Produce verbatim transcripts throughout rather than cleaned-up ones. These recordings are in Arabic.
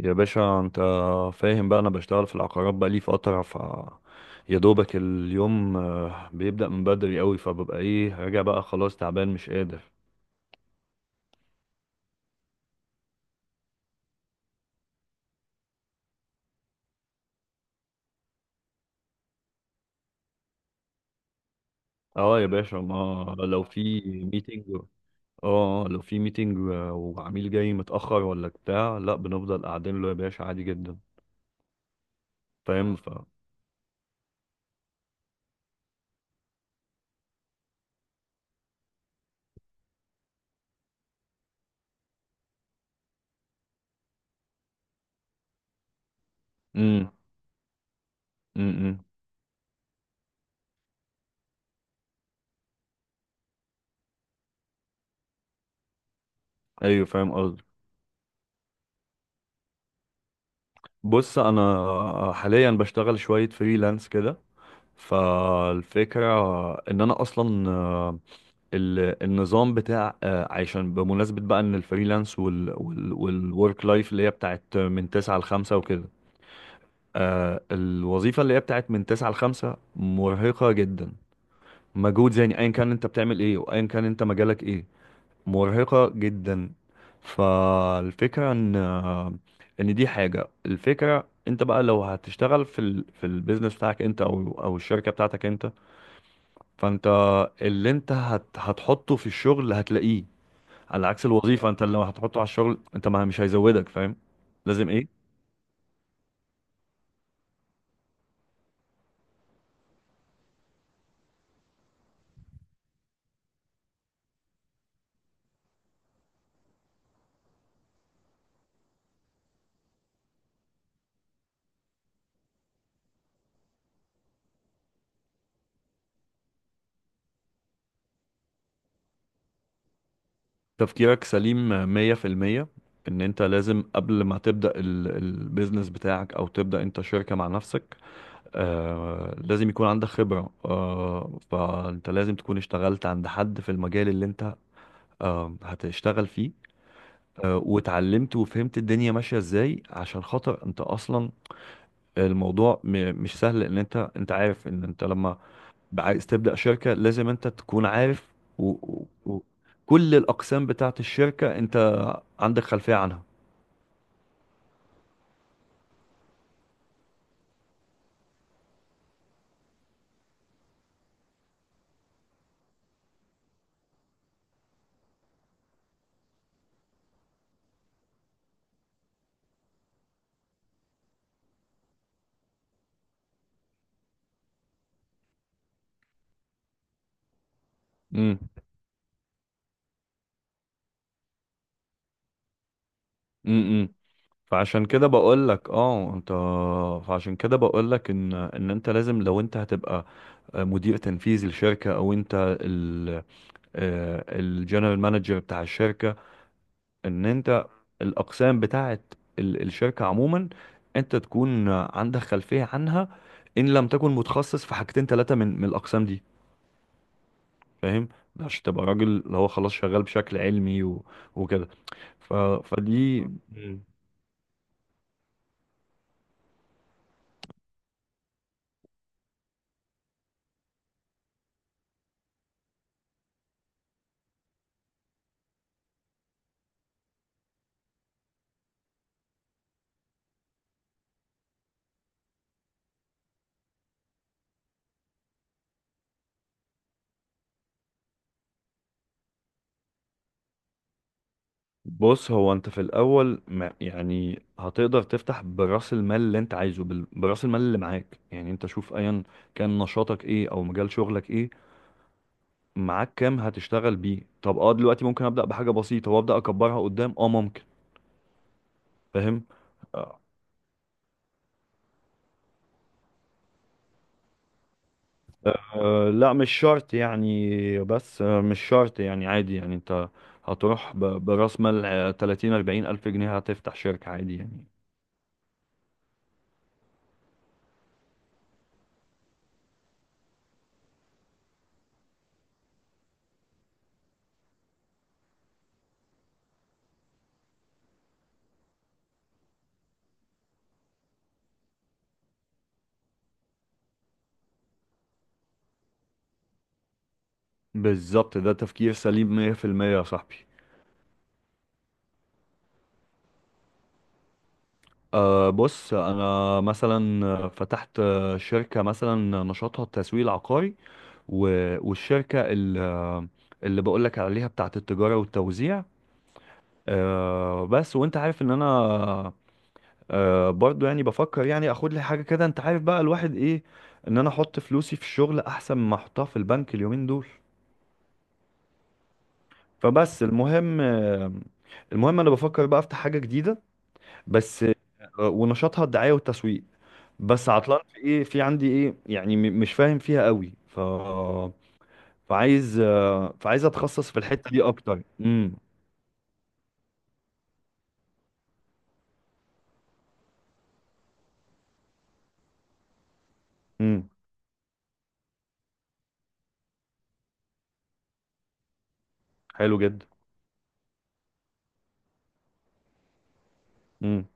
يا باشا، انت فاهم بقى. انا بشتغل في العقارات بقى لي فترة. ف يا دوبك اليوم، آه، بيبدأ من بدري قوي، فببقى ايه راجع بقى، خلاص تعبان مش قادر. اه يا باشا، ما لو في ميتنج اه آه، لو في ميتنج وعميل جاي متأخر ولا بتاع، لا، بنفضل قاعدين له يا باشا، عادي جدا. فاهم. ف امم امم إمم. ايوه فاهم قصدي. بص، انا حاليا بشتغل شوية فريلانس كده. فالفكرة ان انا اصلا ال- النظام بتاع، آه، عشان بمناسبة بقى ان الفريلانس وال وال والورك لايف اللي هي بتاعت من تسعة لخمسة وكده. آه، الوظيفة اللي هي بتاعت من تسعة لخمسة مرهقة جدا. مجهود يعني، ايا كان انت بتعمل ايه وايا كان انت مجالك ايه، مرهقة جدا. فالفكرة ان آه، ان دي حاجة. الفكرة، انت بقى لو هتشتغل في ال في البيزنس بتاعك انت، او او الشركة بتاعتك انت، فانت اللي انت هت هتحطه في الشغل هتلاقيه، على عكس الوظيفة. انت لو هتحطه على الشغل انت ما مش هيزودك، فاهم. لازم ايه؟ تفكيرك سليم مية في المية، ان انت لازم قبل ما تبدأ ال- البيزنس بتاعك او تبدأ انت شركة مع نفسك، آه لازم يكون عندك خبرة. آه فانت لازم تكون اشتغلت عند حد في المجال اللي انت آه هتشتغل فيه، آه واتعلمت وفهمت الدنيا ماشية ازاي. عشان خاطر انت اصلا الموضوع م- مش سهل، ان انت انت عارف ان انت لما عايز تبدأ شركة لازم انت تكون عارف. و... و... و... كل الأقسام بتاعت الشركة انت عندك خلفية عنها. امم امم فعشان كده بقول لك، اه انت فعشان كده بقول لك ان ان انت لازم، لو انت هتبقى مدير تنفيذي لشركه، او انت ال الجنرال مانجر بتاع الشركه، ان انت الاقسام بتاعت ال- الشركه عموما انت تكون عندك خلفيه عنها، ان لم تكن متخصص في حاجتين ثلاثه من من الاقسام دي، فاهم. عشان تبقى راجل اللي هو خلاص شغال بشكل علمي و... وكده. ف... فدي. مم. بص، هو انت في الاول ما يعني هتقدر تفتح براس المال اللي انت عايزه، بال- براس المال اللي معاك يعني. انت شوف ايا كان نشاطك ايه او مجال شغلك ايه، معاك كام هتشتغل بيه. طب، اه دلوقتي ممكن ابدا بحاجه بسيطه وابدا اكبرها قدام، اه ممكن، فاهم. آه، أه لا، مش شرط يعني، بس أه، مش شرط يعني، عادي يعني. انت هتروح ب- براس مال أه، تلاتين اربعين ألف جنيه، هتفتح شركة عادي يعني. بالظبط، ده تفكير سليم مية في المية يا صاحبي. أه بص، انا مثلا فتحت أه، شركة مثلا نشاطها التسويق العقاري، و- والشركة ال- اللي بقولك عليها بتاعت التجارة والتوزيع. أه بس، وانت عارف ان انا أه برضو يعني بفكر يعني اخد لي حاجه كده، انت عارف بقى الواحد ايه، ان انا احط فلوسي في الشغل احسن ما احطها في البنك اليومين دول. فبس المهم آه، المهم، انا بفكر بقى افتح حاجه جديده بس، آه، ونشاطها الدعايه والتسويق. بس عطلان في ايه، في عندي ايه يعني، م- مش فاهم فيها قوي. ف فعايز آه، فعايز اتخصص في الحته دي اكتر. امم امم حلو جدا. امم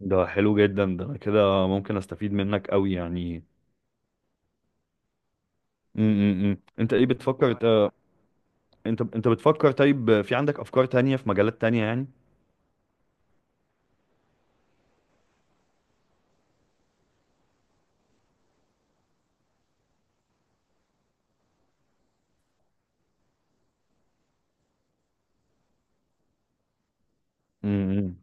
ده حلو جدا، ده أنا كده ممكن استفيد منك قوي يعني. امم امم، امم. انت ايه بتفكر؟ انت انت بتفكر، طيب، في عندك افكار تانية في مجالات تانية يعني؟ امم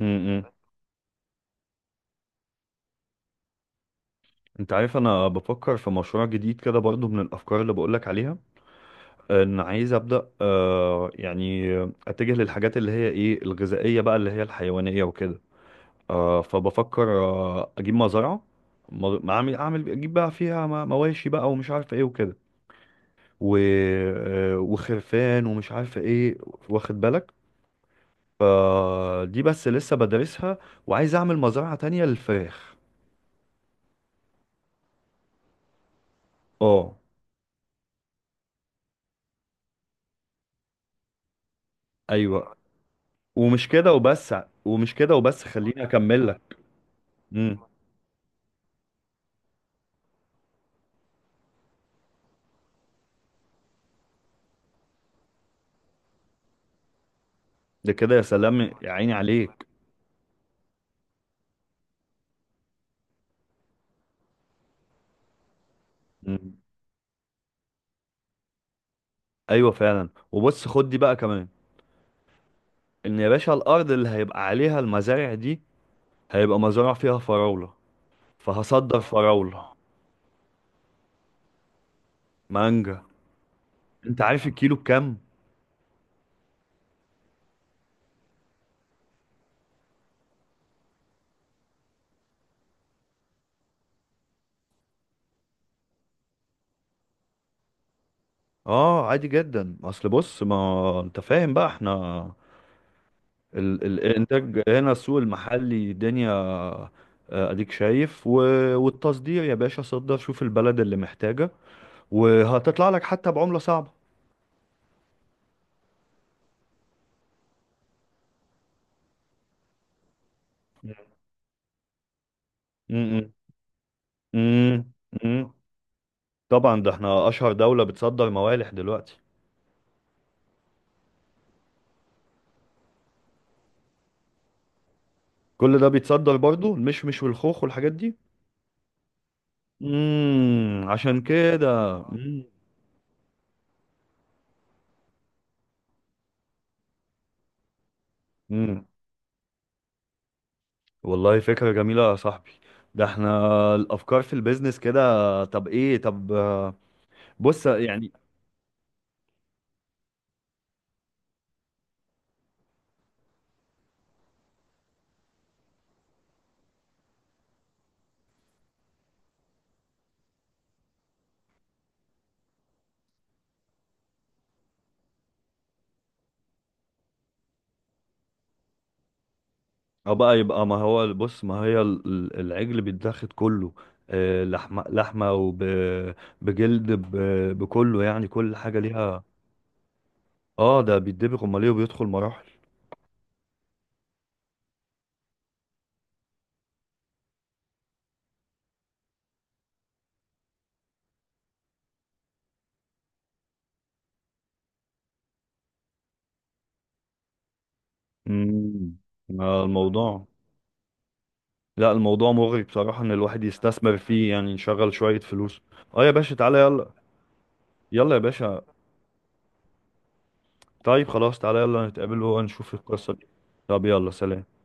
امم انت عارف، انا بفكر في مشروع جديد كده برضو من الافكار اللي بقولك عليها، ان عايز ابدا، آه يعني اتجه للحاجات اللي هي ايه الغذائية بقى، اللي هي الحيوانية وكده. آه فبفكر آه اجيب مزرعة، مز- اعمل اعمل اجيب بقى فيها م- مواشي بقى، ومش عارف ايه وكده، و... آه، وخرفان ومش عارف ايه، واخد بالك. فدي بس لسه بدرسها، وعايز اعمل مزرعة تانية للفراخ. اه. ايوه، ومش كده وبس، ومش كده وبس، خليني اكمل لك. امم ده كده، يا سلام، يا عيني عليك. امم ايوه فعلا، وبص خد دي بقى كمان، ان يا باشا الارض اللي هيبقى عليها المزارع دي هيبقى مزارع فيها فراولة، فهصدر فراولة. مانجا، انت عارف الكيلو بكام؟ اه عادي جدا. اصل بص، ما انت فاهم بقى، احنا ال- الانتاج هنا السوق المحلي دنيا. آه، اديك شايف. و... والتصدير يا باشا، صدر، شوف البلد اللي محتاجة، وهتطلع لك حتى بعملة صعبة. م- م- م- م. طبعا، ده احنا اشهر دولة بتصدر موالح دلوقتي. كل ده بيتصدر برضو، المشمش والخوخ والحاجات دي. امم عشان كده. مم. مم. والله فكرة جميلة يا صاحبي. ده احنا الافكار في البيزنس كده. طب ايه؟ طب آه، بص يعني. اه بقى، يبقى، ما هو بص، ما هي ال- ال- العجل بيتاخد كله، آه، لحمة لحمة وبجلد، بكله يعني، كل حاجة ليها. اه ده بيتدبغ، امال ايه، وبيدخل مراحل. امم آه، الموضوع لا، الموضوع مغري بصراحة، ان الواحد يستثمر فيه يعني يشغل شوية فلوس. اه يا باشا، تعالى يلا. يلا يا باشا، طيب خلاص، تعالى يلا نتقابل ونشوف القصة دي. طب، يلا، سلام.